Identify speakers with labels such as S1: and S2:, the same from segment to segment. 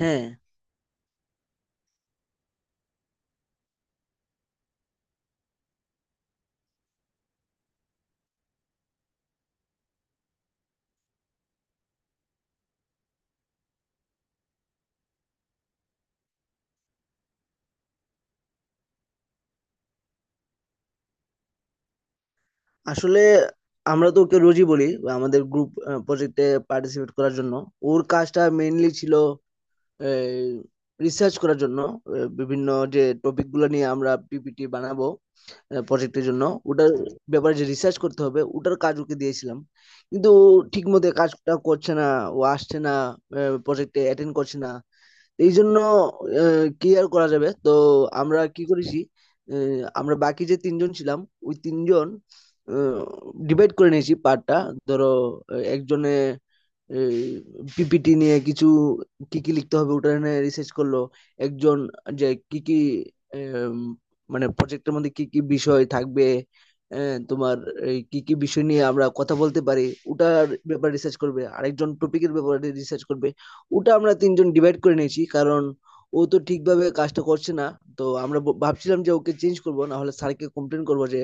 S1: হ্যাঁ, আসলে আমরা তো ওকে রোজই বলি বা আমাদের গ্রুপ প্রজেক্টে পার্টিসিপেট করার জন্য। ওর কাজটা মেইনলি ছিল রিসার্চ করার জন্য, বিভিন্ন যে টপিক গুলো নিয়ে আমরা পিপিটি বানাবো প্রজেক্টের জন্য, ওটার ব্যাপারে যে রিসার্চ করতে হবে, ওটার কাজ ওকে দিয়েছিলাম। কিন্তু ও ঠিক মতো কাজটা করছে না, ও আসছে না, প্রজেক্টে অ্যাটেন্ড করছে না। এই জন্য কি আর করা যাবে, তো আমরা কি করেছি, আহ, আমরা বাকি যে তিনজন ছিলাম ওই তিনজন ডিভাইড করে নিয়েছি পার্টটা। ধরো, একজনে পিপিটি নিয়ে কিছু কি কি লিখতে হবে ওটা নিয়ে রিসার্চ করলো, একজন যে কি কি এম, মানে প্রজেক্টের মধ্যে কি কি বিষয় থাকবে, এ, তোমার এই কি কি বিষয় নিয়ে আমরা কথা বলতে পারি ওটার ব্যাপারে রিসার্চ করবে, আরেকজন টপিকের ব্যাপারে রিসার্চ করবে। ওটা আমরা তিনজন ডিভাইড করে নিয়েছি, কারণ ও তো ঠিকভাবে কাজটা করছে না। তো আমরা ভাবছিলাম যে ওকে চেঞ্জ করবো, না হলে স্যারকে কমপ্লেন করবো যে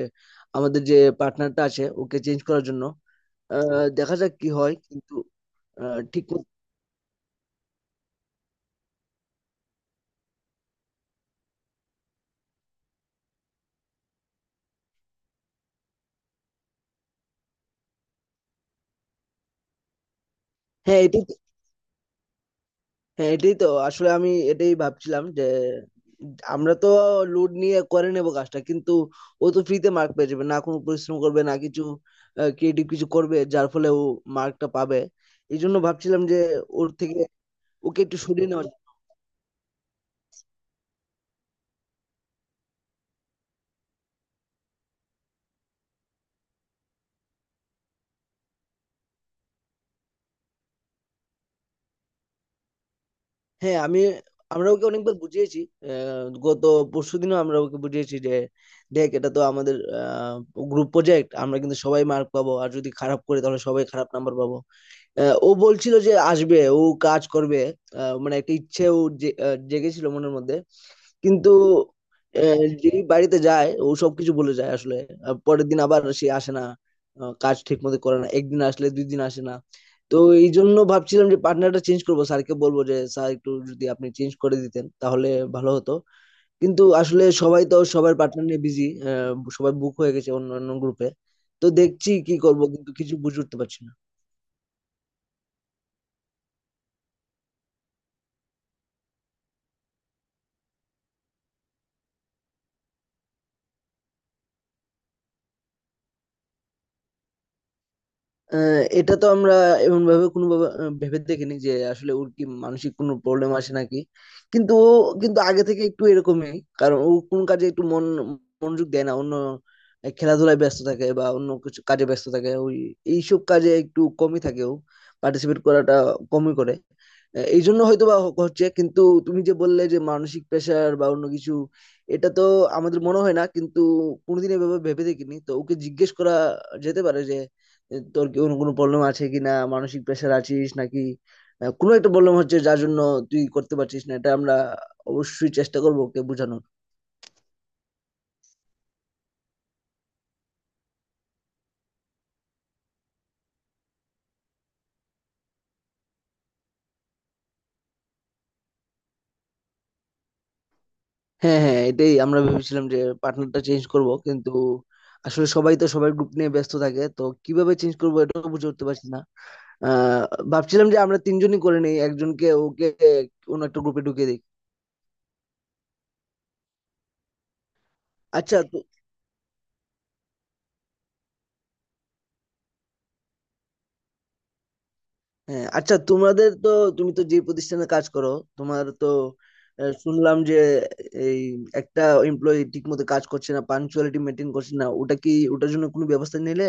S1: আমাদের যে পার্টনারটা আছে ওকে চেঞ্জ করার জন্য। দেখা যাক কি হয়, কিন্তু ঠিক কথা। হ্যাঁ এটাই তো- হ্যাঁ, এটাই তো, আসলে আমি এটাই ভাবছিলাম যে আমরা তো লোড নিয়ে করে নেব কাজটা, কিন্তু ও তো ফ্রিতে মার্ক পেয়ে যাবে, না কোনো পরিশ্রম করবে না কিছু ক্রিয়েটিভ কিছু করবে যার ফলে ও মার্কটা পাবে। এই জন্য ভাবছিলাম যে ওর থেকে ওকে একটু সরিয়ে নেওয়া যায়। হ্যাঁ, আমরা ওকে অনেকবার বুঝিয়েছি। গত পরশুদিনও আমরা ওকে বুঝিয়েছি যে দেখ এটা তো আমাদের গ্রুপ প্রজেক্ট, আমরা কিন্তু সবাই মার্ক পাবো, আর যদি খারাপ করে তাহলে সবাই খারাপ নাম্বার পাবো। ও বলছিল যে আসবে, ও কাজ করবে, মানে একটা ইচ্ছে ও জেগেছিল মনের মধ্যে। কিন্তু যেই বাড়িতে যায় ও সবকিছু বলে যায় আসলে। পরের দিন আবার সে আসে না, কাজ ঠিক মতো করে না, একদিন আসলে দুই দিন আসে না। তো এই জন্য ভাবছিলাম যে পার্টনারটা চেঞ্জ করবো, স্যারকে বলবো যে স্যার একটু যদি আপনি চেঞ্জ করে দিতেন তাহলে ভালো হতো। কিন্তু আসলে সবাই তো সবার পার্টনার নিয়ে বিজি, সবাই বুক হয়ে গেছে অন্য অন্য গ্রুপে। তো দেখছি কি করব, কিন্তু কিছু বুঝে উঠতে পারছি না। আহ, এটা তো আমরা এমন ভাবে কোনো ভাবে, ভেবে দেখিনি যে আসলে ওর কি মানসিক কোনো প্রবলেম আসে নাকি। কিন্তু ও কিন্তু আগে থেকে একটু এরকমই, কারণ ও কোন কাজে একটু মনোযোগ দেয় না, অন্য খেলাধুলায় ব্যস্ত থাকে বা অন্য কিছু কাজে ব্যস্ত থাকে। ওই এইসব কাজে একটু কমই থাকে ও, পার্টিসিপেট করাটা কমই করে। এই জন্য হয়তো বা হচ্ছে। কিন্তু তুমি যে বললে যে মানসিক প্রেশার বা অন্য কিছু, এটা তো আমাদের মনে হয় না, কিন্তু কোনোদিন এভাবে ভেবে দেখিনি। তো ওকে জিজ্ঞেস করা যেতে পারে যে তোর কি কোনো কোনো প্রবলেম আছে কি না, মানসিক প্রেশার আছিস নাকি, কোনো একটা প্রবলেম হচ্ছে যার জন্য তুই করতে পারছিস না। এটা আমরা অবশ্যই চেষ্টা করবো ওকে বোঝানোর। হ্যাঁ হ্যাঁ, এটাই আমরা ভেবেছিলাম যে পার্টনারটা চেঞ্জ করব, কিন্তু আসলে সবাই তো সবার গ্রুপ নিয়ে ব্যস্ত থাকে, তো কিভাবে চেঞ্জ করবো এটাও বুঝে উঠতে পারছি না। আহ ভাবছিলাম যে আমরা তিনজনই করে নিই, একজনকে ওকে অন্য একটা গ্রুপে ঢুকিয়ে দিই। আচ্ছা। হ্যাঁ, আচ্ছা, তোমাদের তো, তুমি তো যে প্রতিষ্ঠানে কাজ করো, তোমার তো শুনলাম যে এই একটা এমপ্লয়ি ঠিক মতো কাজ করছে না, পাঞ্চুয়ালিটি মেনটেন করছে না, ওটা কি ওটার জন্য কোনো ব্যবস্থা নিলে?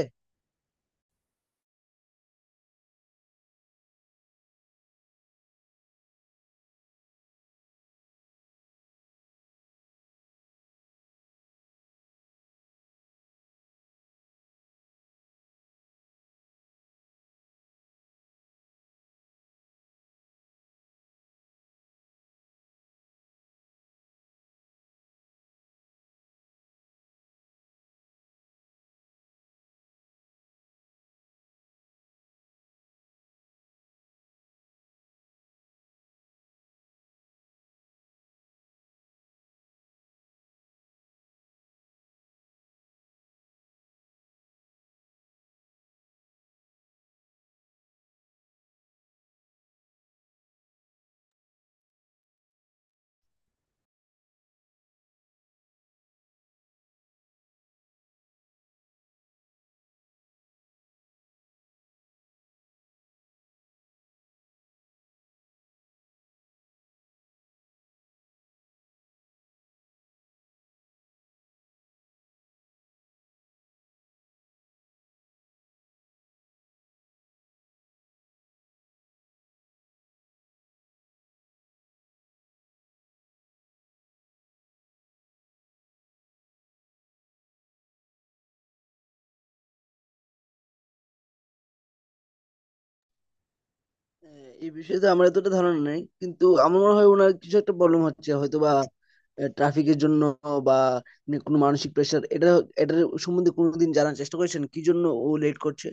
S1: আহ, এই বিষয়ে তো আমার এতটা ধারণা নেই, কিন্তু আমার মনে হয় ওনার কিছু একটা প্রবলেম হচ্ছে, হয়তো বা ট্রাফিকের জন্য, বা উনি কোনো মানসিক প্রেশার। এটার সম্বন্ধে কোনোদিন জানার চেষ্টা করেছেন কি জন্য ও লেট করছে?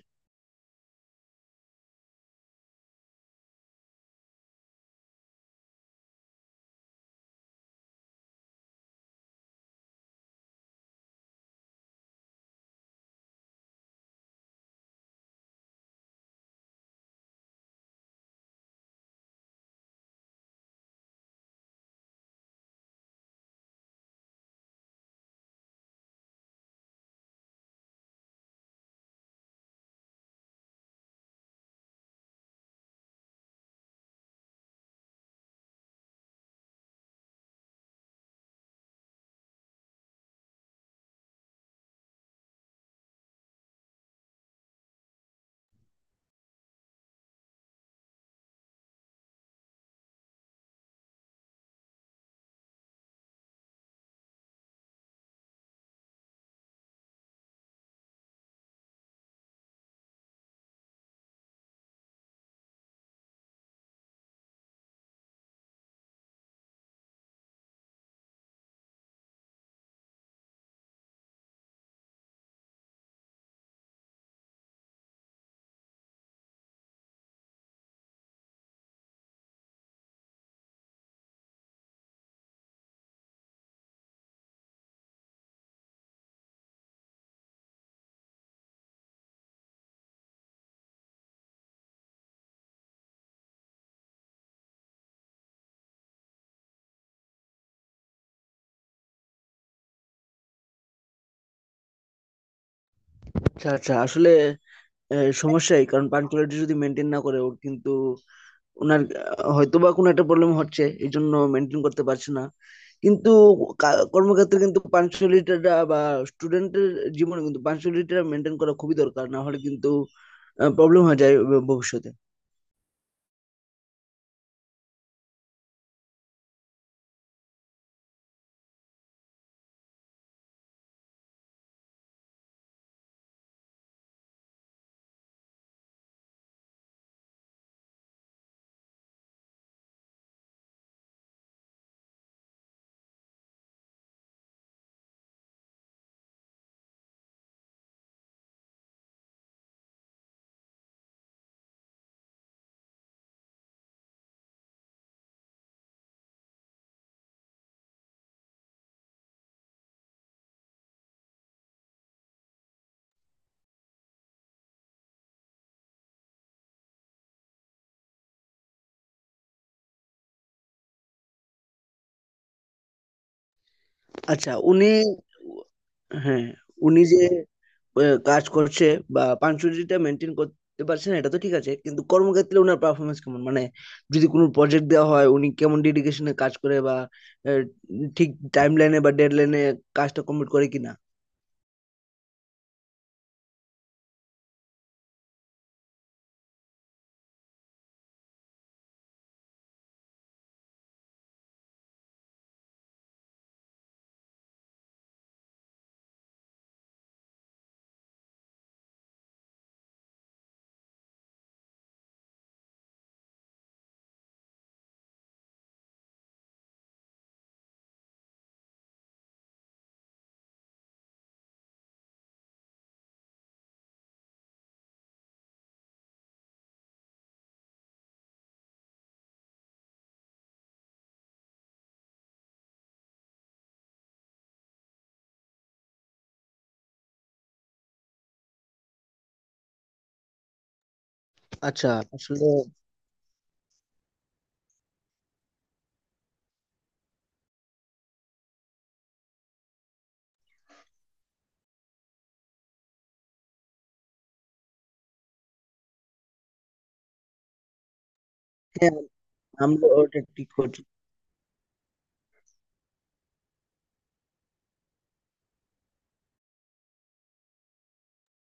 S1: আচ্ছা আচ্ছা, আসলে সমস্যাই, কারণ পাঞ্চুয়ালিটি যদি মেনটেন না করে ওর কিন্তু, ওনার হয়তোবা কোনো একটা প্রবলেম হচ্ছে এই জন্য মেনটেন করতে পারছে না। কিন্তু কর্মক্ষেত্রে কিন্তু পাঞ্চুয়ালিটিটা, বা স্টুডেন্টের জীবনে কিন্তু পাঞ্চুয়ালিটিটা মেনটেন করা খুবই দরকার, না হলে কিন্তু প্রবলেম হয়ে যায় ভবিষ্যতে। আচ্ছা, হ্যাঁ, উনি যে কাজ করছে বা পাঞ্চুরিটা মেনটেন করতে পারছে না এটা তো ঠিক আছে, কিন্তু কর্মক্ষেত্রে ওনার পারফরমেন্স কেমন? মানে যদি কোনো প্রজেক্ট দেওয়া হয় উনি কেমন ডেডিকেশনে কাজ করে, বা আহ, ঠিক টাইম লাইনে বা ডেড লাইনে কাজটা কমপ্লিট করে কিনা? আচ্ছা, আসলে, হ্যাঁ, আমরা ওটা ঠিক করছি।